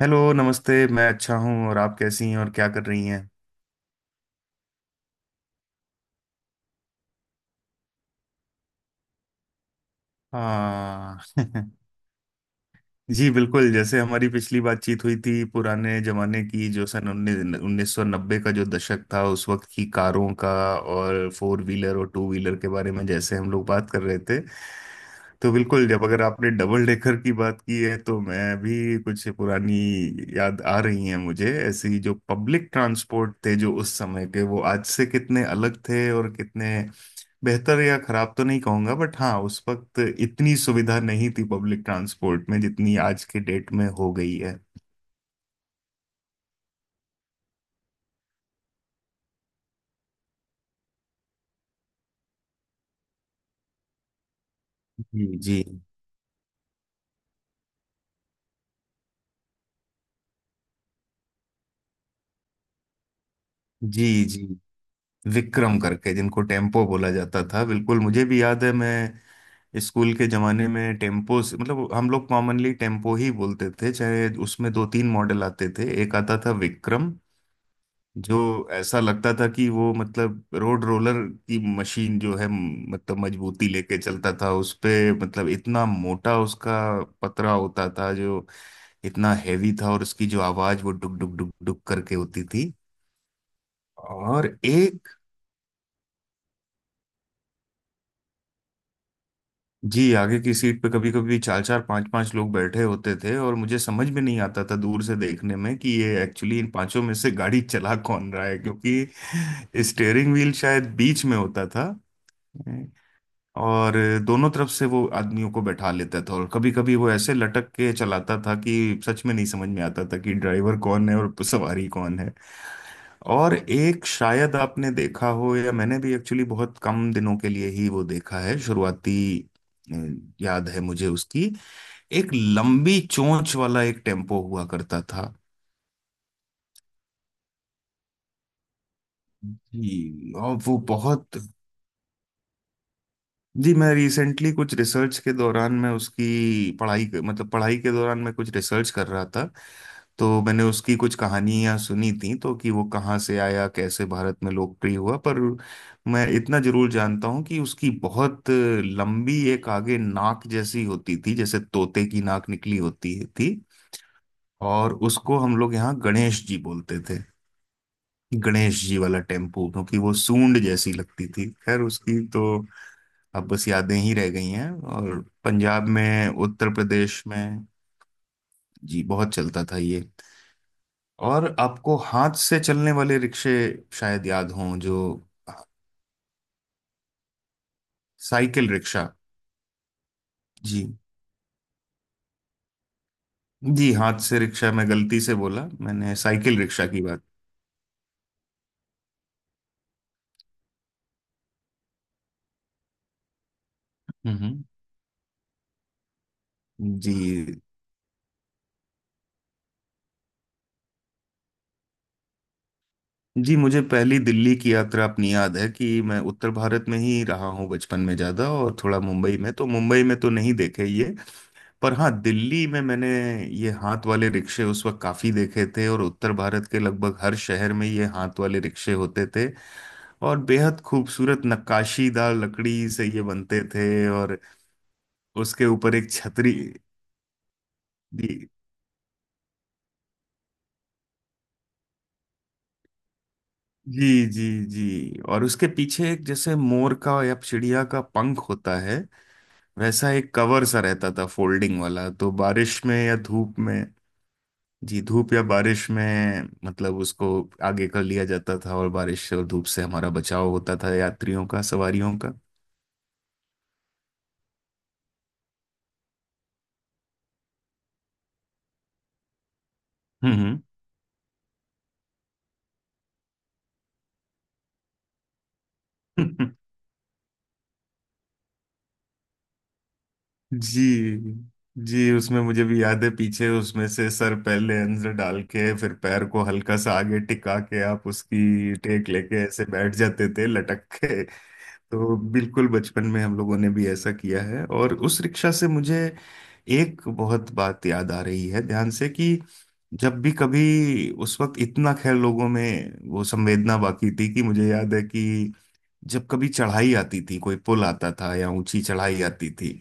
Hello, नमस्ते। मैं अच्छा हूँ। और आप कैसी हैं और क्या कर रही हैं? हाँ। जी, बिल्कुल। जैसे हमारी पिछली बातचीत हुई थी, पुराने जमाने की, जो सन उन्नीस उन्नीस सौ नब्बे का जो दशक था, उस वक्त की कारों का और फोर व्हीलर और टू व्हीलर के बारे में जैसे हम लोग बात कर रहे थे। तो बिल्कुल, जब अगर आपने डबल डेकर की बात की है तो मैं भी कुछ पुरानी याद आ रही है मुझे, ऐसी जो पब्लिक ट्रांसपोर्ट थे जो उस समय के, वो आज से कितने अलग थे और कितने बेहतर या खराब तो नहीं कहूंगा, बट हाँ उस वक्त इतनी सुविधा नहीं थी पब्लिक ट्रांसपोर्ट में जितनी आज के डेट में हो गई है। जी, जी, जी, जी। विक्रम करके जिनको टेम्पो बोला जाता था, बिल्कुल मुझे भी याद है। मैं स्कूल के जमाने में मतलब हम लोग कॉमनली टेम्पो ही बोलते थे। चाहे उसमें दो तीन मॉडल आते थे, एक आता था विक्रम, जो ऐसा लगता था कि वो मतलब रोड रोलर की मशीन जो है, मतलब मजबूती लेके चलता था उस पे, मतलब इतना मोटा उसका पतरा होता था जो इतना हैवी था, और उसकी जो आवाज वो डुक डुक डुक डुक करके होती थी। और एक, जी। आगे की सीट पे कभी कभी चार चार पांच पांच लोग बैठे होते थे, और मुझे समझ में नहीं आता था दूर से देखने में कि ये एक्चुअली इन पांचों में से गाड़ी चला कौन रहा है, क्योंकि स्टेयरिंग व्हील शायद बीच में होता था। और दोनों तरफ से वो आदमियों को बैठा लेता था, और कभी कभी वो ऐसे लटक के चलाता था कि सच में नहीं समझ में आता था कि ड्राइवर कौन है और सवारी कौन है। और एक, शायद आपने देखा हो, या मैंने भी एक्चुअली बहुत कम दिनों के लिए ही वो देखा है शुरुआती। अ, याद है मुझे उसकी, एक लंबी चोंच वाला एक टेम्पो हुआ करता था। जी। और वो बहुत, जी। मैं रिसेंटली कुछ रिसर्च के दौरान, मैं उसकी पढ़ाई, मतलब पढ़ाई के दौरान मैं कुछ रिसर्च कर रहा था, तो मैंने उसकी कुछ कहानियां सुनी थी तो, कि वो कहाँ से आया, कैसे भारत में लोकप्रिय हुआ, पर मैं इतना जरूर जानता हूँ कि उसकी बहुत लंबी एक आगे नाक जैसी होती थी, जैसे तोते की नाक निकली होती थी। और उसको हम लोग यहाँ गणेश जी बोलते थे। गणेश जी वाला टेम्पू, क्योंकि वो सूंड जैसी लगती थी। खैर, उसकी तो अब बस यादें ही रह गई हैं। और पंजाब में, उत्तर प्रदेश में, जी, बहुत चलता था ये। और आपको हाथ से चलने वाले रिक्शे शायद याद हों जो, साइकिल रिक्शा। जी, जी, हाथ से रिक्शा मैं गलती से बोला, मैंने साइकिल रिक्शा की बात। हम्म। जी, जी, मुझे पहली दिल्ली की यात्रा अपनी याद है कि मैं उत्तर भारत में ही रहा हूँ बचपन में ज़्यादा, और थोड़ा मुंबई में, तो मुंबई में तो नहीं देखे ये। पर हाँ, दिल्ली में मैंने ये हाथ वाले रिक्शे उस वक्त काफी देखे थे, और उत्तर भारत के लगभग हर शहर में ये हाथ वाले रिक्शे होते थे। और बेहद खूबसूरत नक्काशीदार लकड़ी से ये बनते थे। और उसके ऊपर एक छतरी। जी, जी, जी, जी, और उसके पीछे एक जैसे मोर का या चिड़िया का पंख होता है, वैसा एक कवर सा रहता था फोल्डिंग वाला, तो बारिश में या धूप में, जी, धूप या बारिश में मतलब उसको आगे कर लिया जाता था, और बारिश और धूप से हमारा बचाव होता था, यात्रियों का, सवारियों का। हम्म। हम्म। जी, जी, उसमें मुझे भी याद है पीछे उसमें से सर पहले अंदर डाल के फिर पैर को हल्का सा आगे टिका के आप उसकी टेक लेके ऐसे बैठ जाते थे लटक के। तो बिल्कुल बचपन में हम लोगों ने भी ऐसा किया है। और उस रिक्शा से मुझे एक बहुत बात याद आ रही है ध्यान से, कि जब भी कभी उस वक्त इतना, खैर, लोगों में वो संवेदना बाकी थी कि मुझे याद है कि जब कभी चढ़ाई आती थी, कोई पुल आता था या ऊंची चढ़ाई आती थी,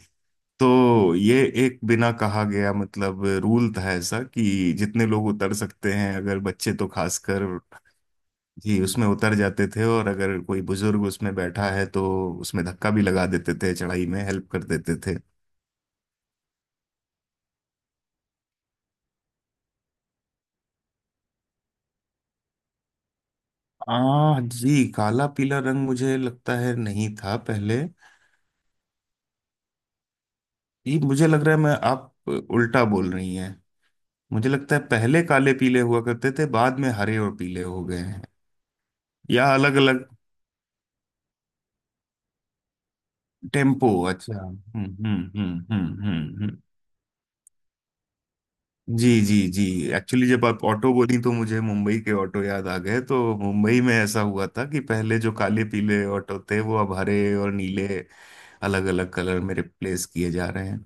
तो ये एक बिना कहा गया मतलब रूल था ऐसा, कि जितने लोग उतर सकते हैं, अगर बच्चे तो खासकर, जी, उसमें उतर जाते थे। और अगर कोई बुजुर्ग उसमें बैठा है तो उसमें धक्का भी लगा देते थे, चढ़ाई में हेल्प कर देते थे। आ, जी, काला पीला रंग मुझे लगता है नहीं था पहले। ये मुझे लग रहा है मैं, आप उल्टा बोल रही हैं। मुझे लगता है पहले काले पीले हुआ करते थे, बाद में हरे और पीले हो गए हैं, या अलग अलग। टेम्पो, अच्छा, हम्म, हम्म, हम्म, हम्म, हम्म। जी, जी, जी, एक्चुअली जब आप ऑटो बोली तो मुझे मुंबई के ऑटो याद आ गए, तो मुंबई में ऐसा हुआ था कि पहले जो काले पीले ऑटो थे वो अब हरे और नीले अलग अलग कलर में रिप्लेस किए जा रहे हैं।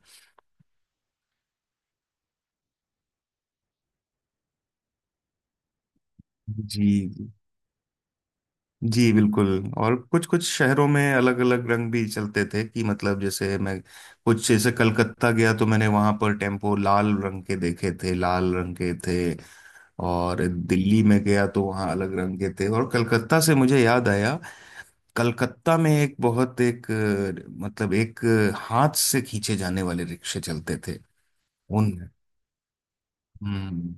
जी, जी, जी, बिल्कुल। और कुछ कुछ शहरों में अलग अलग रंग भी चलते थे कि मतलब, जैसे मैं कुछ, जैसे कलकत्ता गया तो मैंने वहां पर टेम्पो लाल रंग के देखे थे, लाल रंग के थे। और दिल्ली में गया तो वहाँ अलग रंग के थे, और कलकत्ता से मुझे याद आया, कलकत्ता में एक बहुत एक मतलब एक हाथ से खींचे जाने वाले रिक्शे चलते थे। उन। हम्म।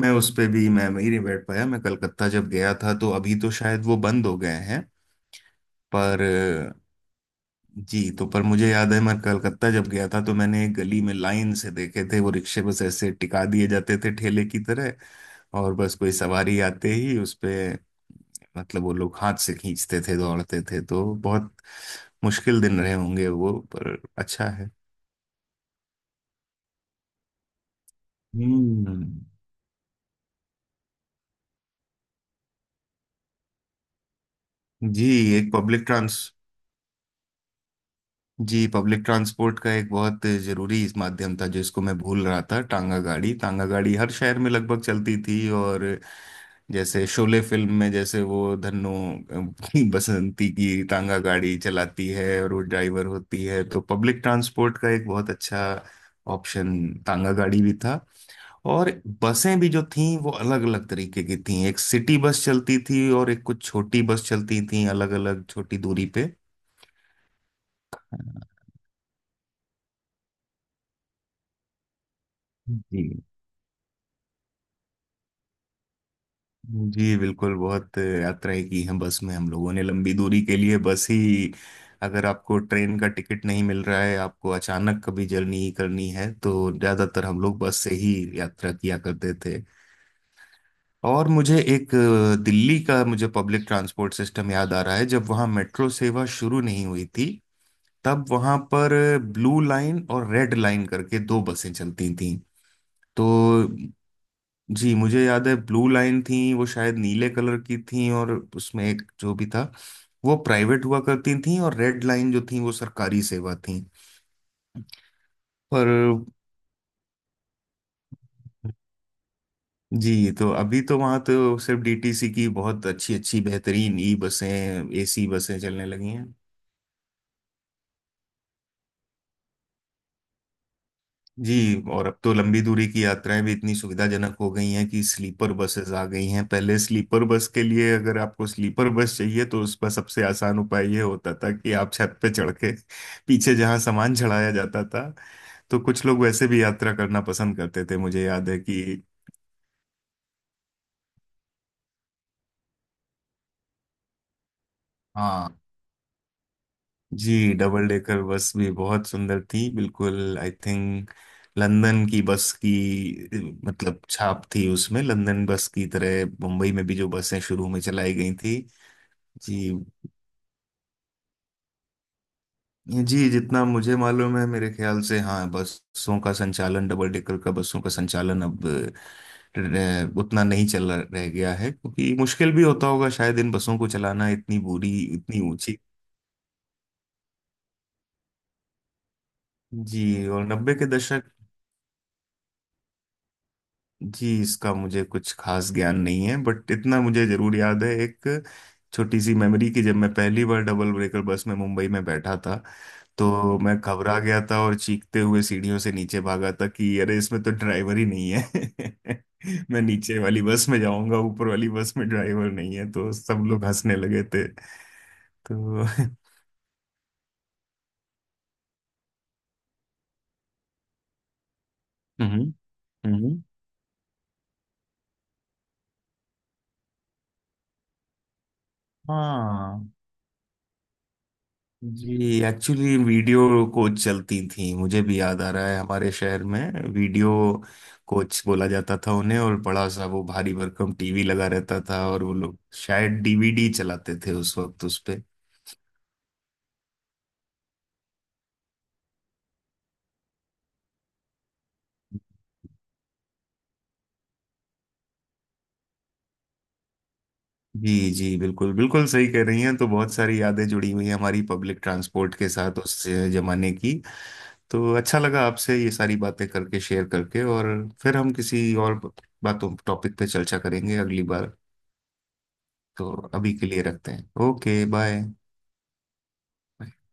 मैं उस पे भी मैं ही नहीं बैठ पाया, मैं कलकत्ता जब गया था, तो अभी तो शायद वो बंद हो गए हैं। पर अ, जी तो, पर मुझे याद है मैं कलकत्ता जब गया था तो मैंने एक गली में लाइन से देखे थे वो रिक्शे, बस ऐसे टिका दिए जाते थे ठेले की तरह। और बस कोई सवारी आते ही उस पे, मतलब वो लोग हाथ से खींचते थे, दौड़ते थे, तो बहुत मुश्किल दिन रहे होंगे वो, पर अच्छा है। हम्म। जी। एक पब्लिक ट्रांस, जी, पब्लिक ट्रांसपोर्ट का एक बहुत जरूरी इस माध्यम था जिसको मैं भूल रहा था, टांगा गाड़ी। टांगा गाड़ी हर शहर में लगभग चलती थी। और जैसे शोले फिल्म में जैसे वो धन्नो बसंती की टांगा गाड़ी चलाती है और वो ड्राइवर होती है, तो पब्लिक ट्रांसपोर्ट का एक बहुत अच्छा ऑप्शन टांगा गाड़ी भी था। और बसें भी जो थीं वो अलग अलग तरीके की थीं, एक सिटी बस चलती थी और एक कुछ छोटी बस चलती थी अलग अलग छोटी दूरी पे। हाँ, जी, जी, बिल्कुल, बहुत यात्राएं की हैं बस में हम लोगों ने, लंबी दूरी के लिए बस ही, अगर आपको ट्रेन का टिकट नहीं मिल रहा है, आपको अचानक कभी जर्नी करनी है तो ज्यादातर हम लोग बस से ही यात्रा किया करते थे। और मुझे एक दिल्ली का मुझे पब्लिक ट्रांसपोर्ट सिस्टम याद आ रहा है, जब वहाँ मेट्रो सेवा शुरू नहीं हुई थी, तब वहां पर ब्लू लाइन और रेड लाइन करके दो बसें चलती थीं। तो जी मुझे याद है, ब्लू लाइन थी वो शायद नीले कलर की थी, और उसमें एक जो भी था वो प्राइवेट हुआ करती थी, और रेड लाइन जो थी वो सरकारी सेवा थी। पर जी तो, अभी तो वहां तो सिर्फ डीटीसी की बहुत अच्छी अच्छी बेहतरीन ई बसें, एसी बसें चलने लगी हैं। जी, और अब तो लंबी दूरी की यात्राएं भी इतनी सुविधाजनक हो गई हैं कि स्लीपर बसेस आ गई हैं। पहले स्लीपर बस के लिए, अगर आपको स्लीपर बस चाहिए तो उसका सबसे आसान उपाय ये होता था कि आप छत पे चढ़ के पीछे जहां सामान चढ़ाया जाता था, तो कुछ लोग वैसे भी यात्रा करना पसंद करते थे, मुझे याद है कि हाँ, जी, डबल डेकर बस भी बहुत सुंदर थी बिल्कुल। आई थिंक लंदन की बस की मतलब छाप थी उसमें, लंदन बस की तरह मुंबई में भी जो बसें शुरू में चलाई गई थी। जी, जी, जितना मुझे मालूम है, मेरे ख्याल से हाँ, बसों का संचालन, डबल डेकर का बसों का संचालन अब उतना नहीं चल रह गया है, क्योंकि मुश्किल भी होता होगा शायद इन बसों को चलाना, इतनी बुरी, इतनी ऊंची। जी, और 90 के दशक, जी, इसका मुझे कुछ खास ज्ञान नहीं है, बट इतना मुझे जरूर याद है एक छोटी सी मेमोरी, कि जब मैं पहली बार डबल ब्रेकर बस में मुंबई में बैठा था तो मैं घबरा गया था, और चीखते हुए सीढ़ियों से नीचे भागा था कि अरे, इसमें तो ड्राइवर ही नहीं है। मैं नीचे वाली बस में जाऊंगा, ऊपर वाली बस में ड्राइवर नहीं है, तो सब लोग हंसने लगे थे। तो हम्म। हम्म। हाँ, जी, एक्चुअली वीडियो कोच चलती थी, मुझे भी याद आ रहा है हमारे शहर में, वीडियो कोच बोला जाता था उन्हें, और बड़ा सा वो भारी भरकम टीवी लगा रहता था और वो लोग शायद डीवीडी चलाते थे उस वक्त उस पे। जी, जी, बिल्कुल बिल्कुल सही कह रही हैं, तो बहुत सारी यादें जुड़ी हुई हैं हमारी पब्लिक ट्रांसपोर्ट के साथ उस जमाने की। तो अच्छा लगा आपसे ये सारी बातें करके, शेयर करके, और फिर हम किसी और बातों, टॉपिक पे चर्चा करेंगे अगली बार। तो अभी के लिए रखते हैं, ओके, बाय। हम्म।